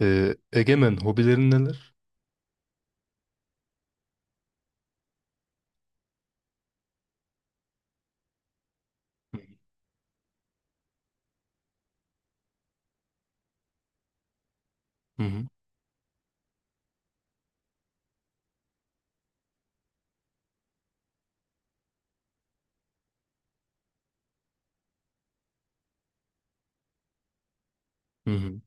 Egemen, hobilerin neler? Hı hı. Hı hı.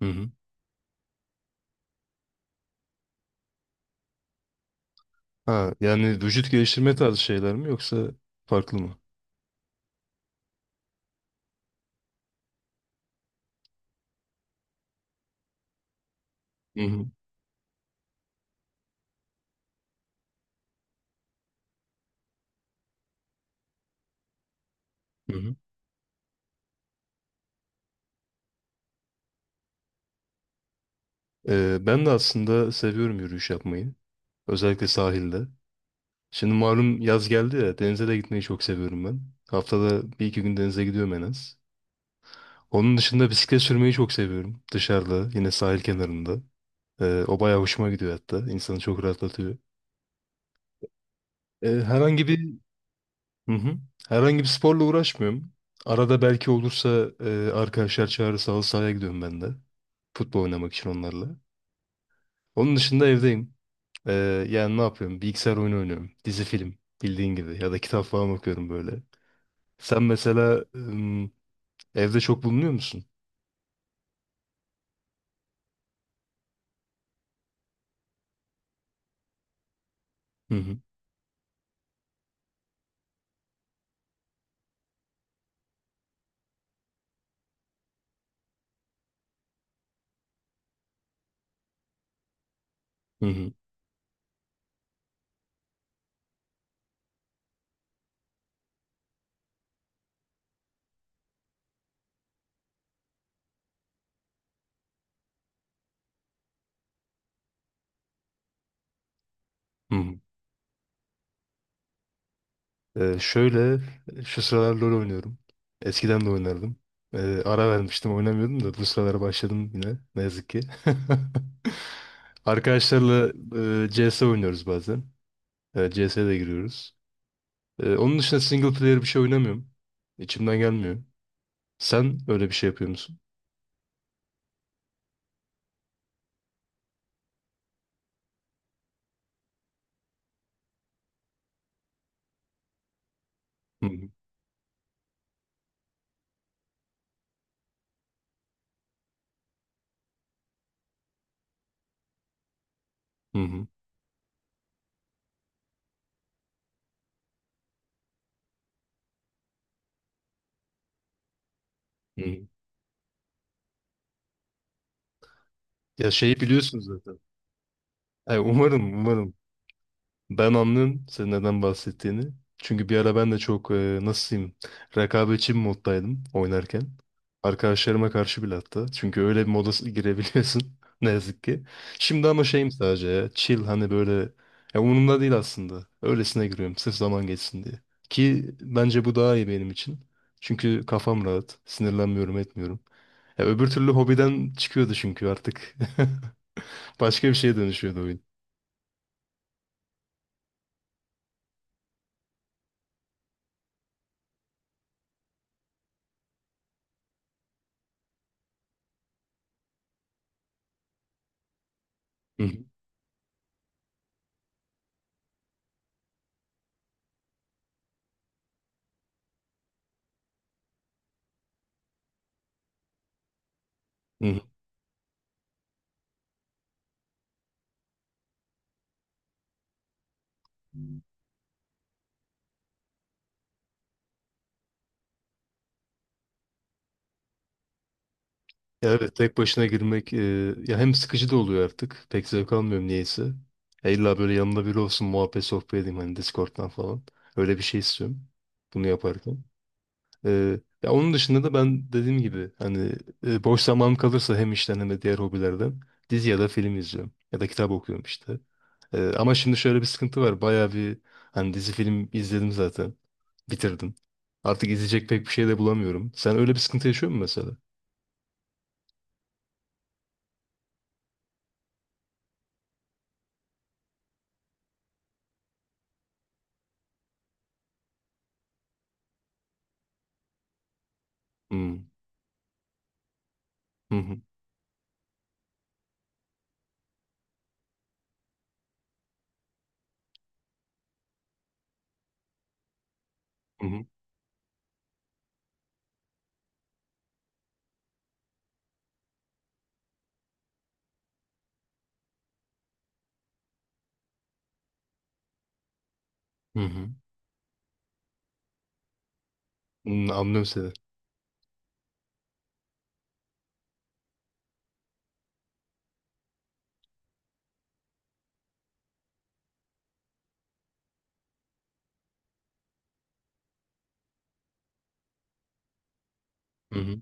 Hı hı. Ha, yani vücut geliştirme tarzı şeyler mi yoksa farklı mı? Hı hı. Hı hı. Ben de aslında seviyorum yürüyüş yapmayı. Özellikle sahilde. Şimdi malum yaz geldi ya, denize de gitmeyi çok seviyorum ben. Haftada bir iki gün denize gidiyorum en az. Onun dışında bisiklet sürmeyi çok seviyorum. Dışarıda yine sahil kenarında. O bayağı hoşuma gidiyor hatta. İnsanı çok rahatlatıyor. Herhangi bir Hı hı. Herhangi bir sporla uğraşmıyorum. Arada belki olursa arkadaşlar çağırırsa halı sahaya gidiyorum ben de. Futbol oynamak için onlarla. Onun dışında evdeyim. E, Yani ne yapıyorum? Bilgisayar oyunu oynuyorum. Dizi film bildiğin gibi. Ya da kitap falan okuyorum böyle. Sen mesela evde çok bulunuyor musun? Hı hı. Hı hı. Hı hı. Şöyle şu sıralar LoL oynuyorum. Eskiden de oynardım. Ara vermiştim oynamıyordum da bu sıralar başladım yine ne yazık ki. Arkadaşlarla CS oynuyoruz bazen. CS'ye de giriyoruz. Onun dışında single player bir şey oynamıyorum. İçimden gelmiyor. Sen öyle bir şey yapıyor musun? Hı hı. Hı hı. Hı hı. Ya şeyi biliyorsun zaten. Ay, umarım umarım. Ben anlıyorum senin neden bahsettiğini. Çünkü bir ara ben de çok nasıl diyeyim, rekabetçi bir moddaydım oynarken. Arkadaşlarıma karşı bile hatta. Çünkü öyle bir moda girebiliyorsun ne yazık ki. Şimdi ama şeyim sadece ya, chill, hani böyle ya umurumda değil aslında. Öylesine giriyorum sırf zaman geçsin diye. Ki bence bu daha iyi benim için. Çünkü kafam rahat, sinirlenmiyorum, etmiyorum. Ya öbür türlü hobiden çıkıyordu çünkü artık. Başka bir şeye dönüşüyordu oyun. Hı hı. Hı hı. Ya evet, tek başına girmek ya hem sıkıcı da oluyor artık. Pek zevk almıyorum niyeyse. Ya illa böyle yanımda biri olsun, muhabbet sohbet edeyim hani Discord'dan falan. Öyle bir şey istiyorum bunu yaparken. Ya onun dışında da ben dediğim gibi hani boş zamanım kalırsa hem işten hem de diğer hobilerden, dizi ya da film izliyorum. Ya da kitap okuyorum işte. Ama şimdi şöyle bir sıkıntı var. Bayağı bir hani dizi film izledim zaten. Bitirdim. Artık izleyecek pek bir şey de bulamıyorum. Sen öyle bir sıkıntı yaşıyor musun mesela? Hmm. Hı hı. Hı hı. Hı hı. Hmm, anlıyorum seni. Hı hı.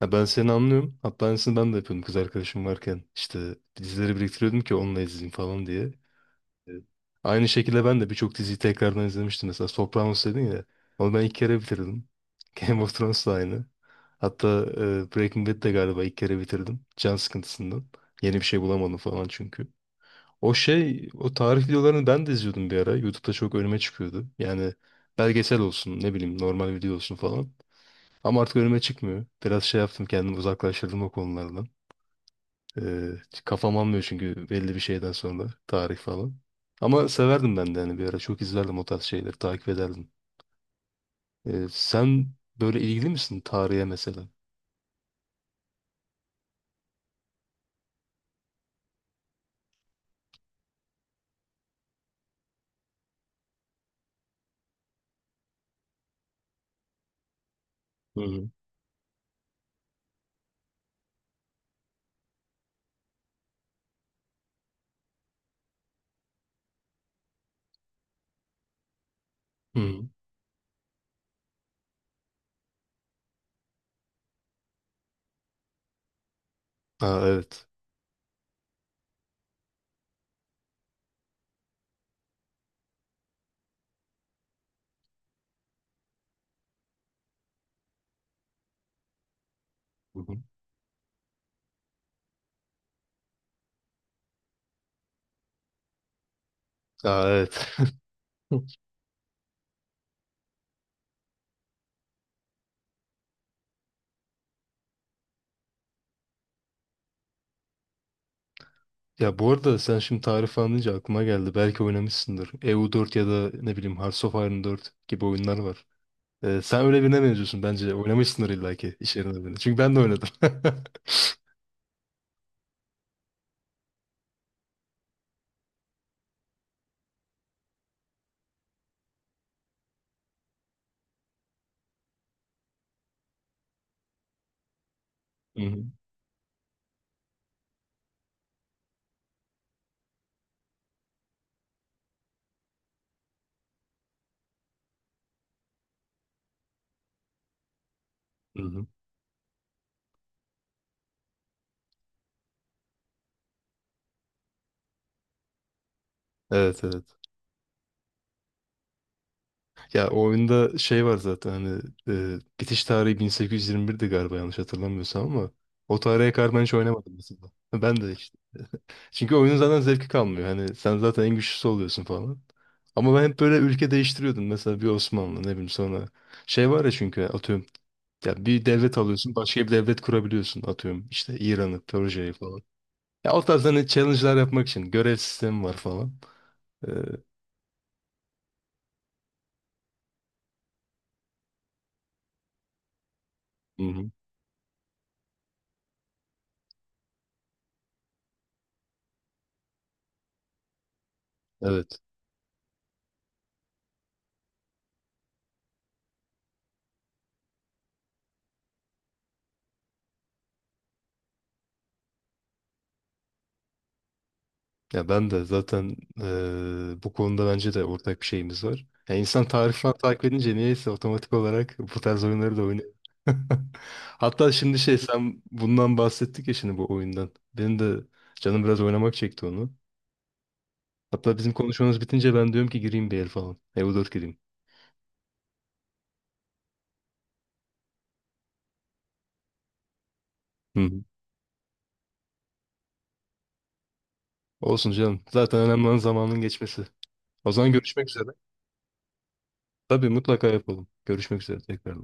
Ya ben seni anlıyorum. Hatta aynısını ben de yapıyordum kız arkadaşım varken. İşte dizileri biriktiriyordum ki onunla izleyeyim falan diye. Evet. Aynı şekilde ben de birçok diziyi tekrardan izlemiştim. Mesela Sopranos dedin ya. Onu ben ilk kere bitirdim. Game of Thrones da aynı. Hatta Breaking Bad de galiba ilk kere bitirdim. Can sıkıntısından. Yeni bir şey bulamadım falan çünkü. O şey, o tarih videolarını ben de izliyordum bir ara. YouTube'da çok önüme çıkıyordu. Yani belgesel olsun, ne bileyim normal video olsun falan. Ama artık önüme çıkmıyor. Biraz şey yaptım, kendimi uzaklaştırdım o konulardan. Ee, Kafam almıyor çünkü belli bir şeyden sonra tarih falan. Ama severdim ben de hani bir ara çok izlerdim, o tarz şeyleri takip ederdim. Sen böyle ilgili misin tarihe mesela? Hı hı. Hı hı. Aa, evet. Hı hı. Aa, evet. Ya bu arada sen şimdi tarih falan deyince aklıma geldi. Belki oynamışsındır. E U 4 ya da ne bileyim Hearts of Iron 4 gibi oyunlar var. Sen öyle birine benziyorsun bence. Oynamışsındır illa ki iş yerinde beni. Çünkü ben de oynadım. Hı hı. Hı hı. Evet, evet. Ya o oyunda şey var zaten hani bitiş tarihi 1821'di galiba yanlış hatırlamıyorsam ama o tarihe kadar ben hiç oynamadım mesela. Ben de işte. Çünkü oyunun zaten zevki kalmıyor. Hani sen zaten en güçlüsü oluyorsun falan. Ama ben hep böyle ülke değiştiriyordum. Mesela bir Osmanlı, ne bileyim, sonra. Şey var ya çünkü, atıyorum. Ya bir devlet alıyorsun başka bir devlet kurabiliyorsun atıyorum. İşte İran'ı, Persia'yı. Ya o tarz hani challenge'lar yapmak için görev sistemi var falan. Ee, hı hı. Evet. Ya ben de zaten bu konuda bence de ortak bir şeyimiz var. Ya insan tarih falan takip edince niyeyse otomatik olarak bu tarz oyunları da oynuyor. Hatta şimdi şey, sen bundan bahsettik ya şimdi, bu oyundan. Benim de canım biraz oynamak çekti onu. Hatta bizim konuşmamız bitince ben diyorum ki gireyim bir el falan. EU4 gireyim. Hı hı. Olsun canım. Zaten önemli olan zamanın geçmesi. O zaman görüşmek üzere. Tabii mutlaka yapalım. Görüşmek üzere tekrar.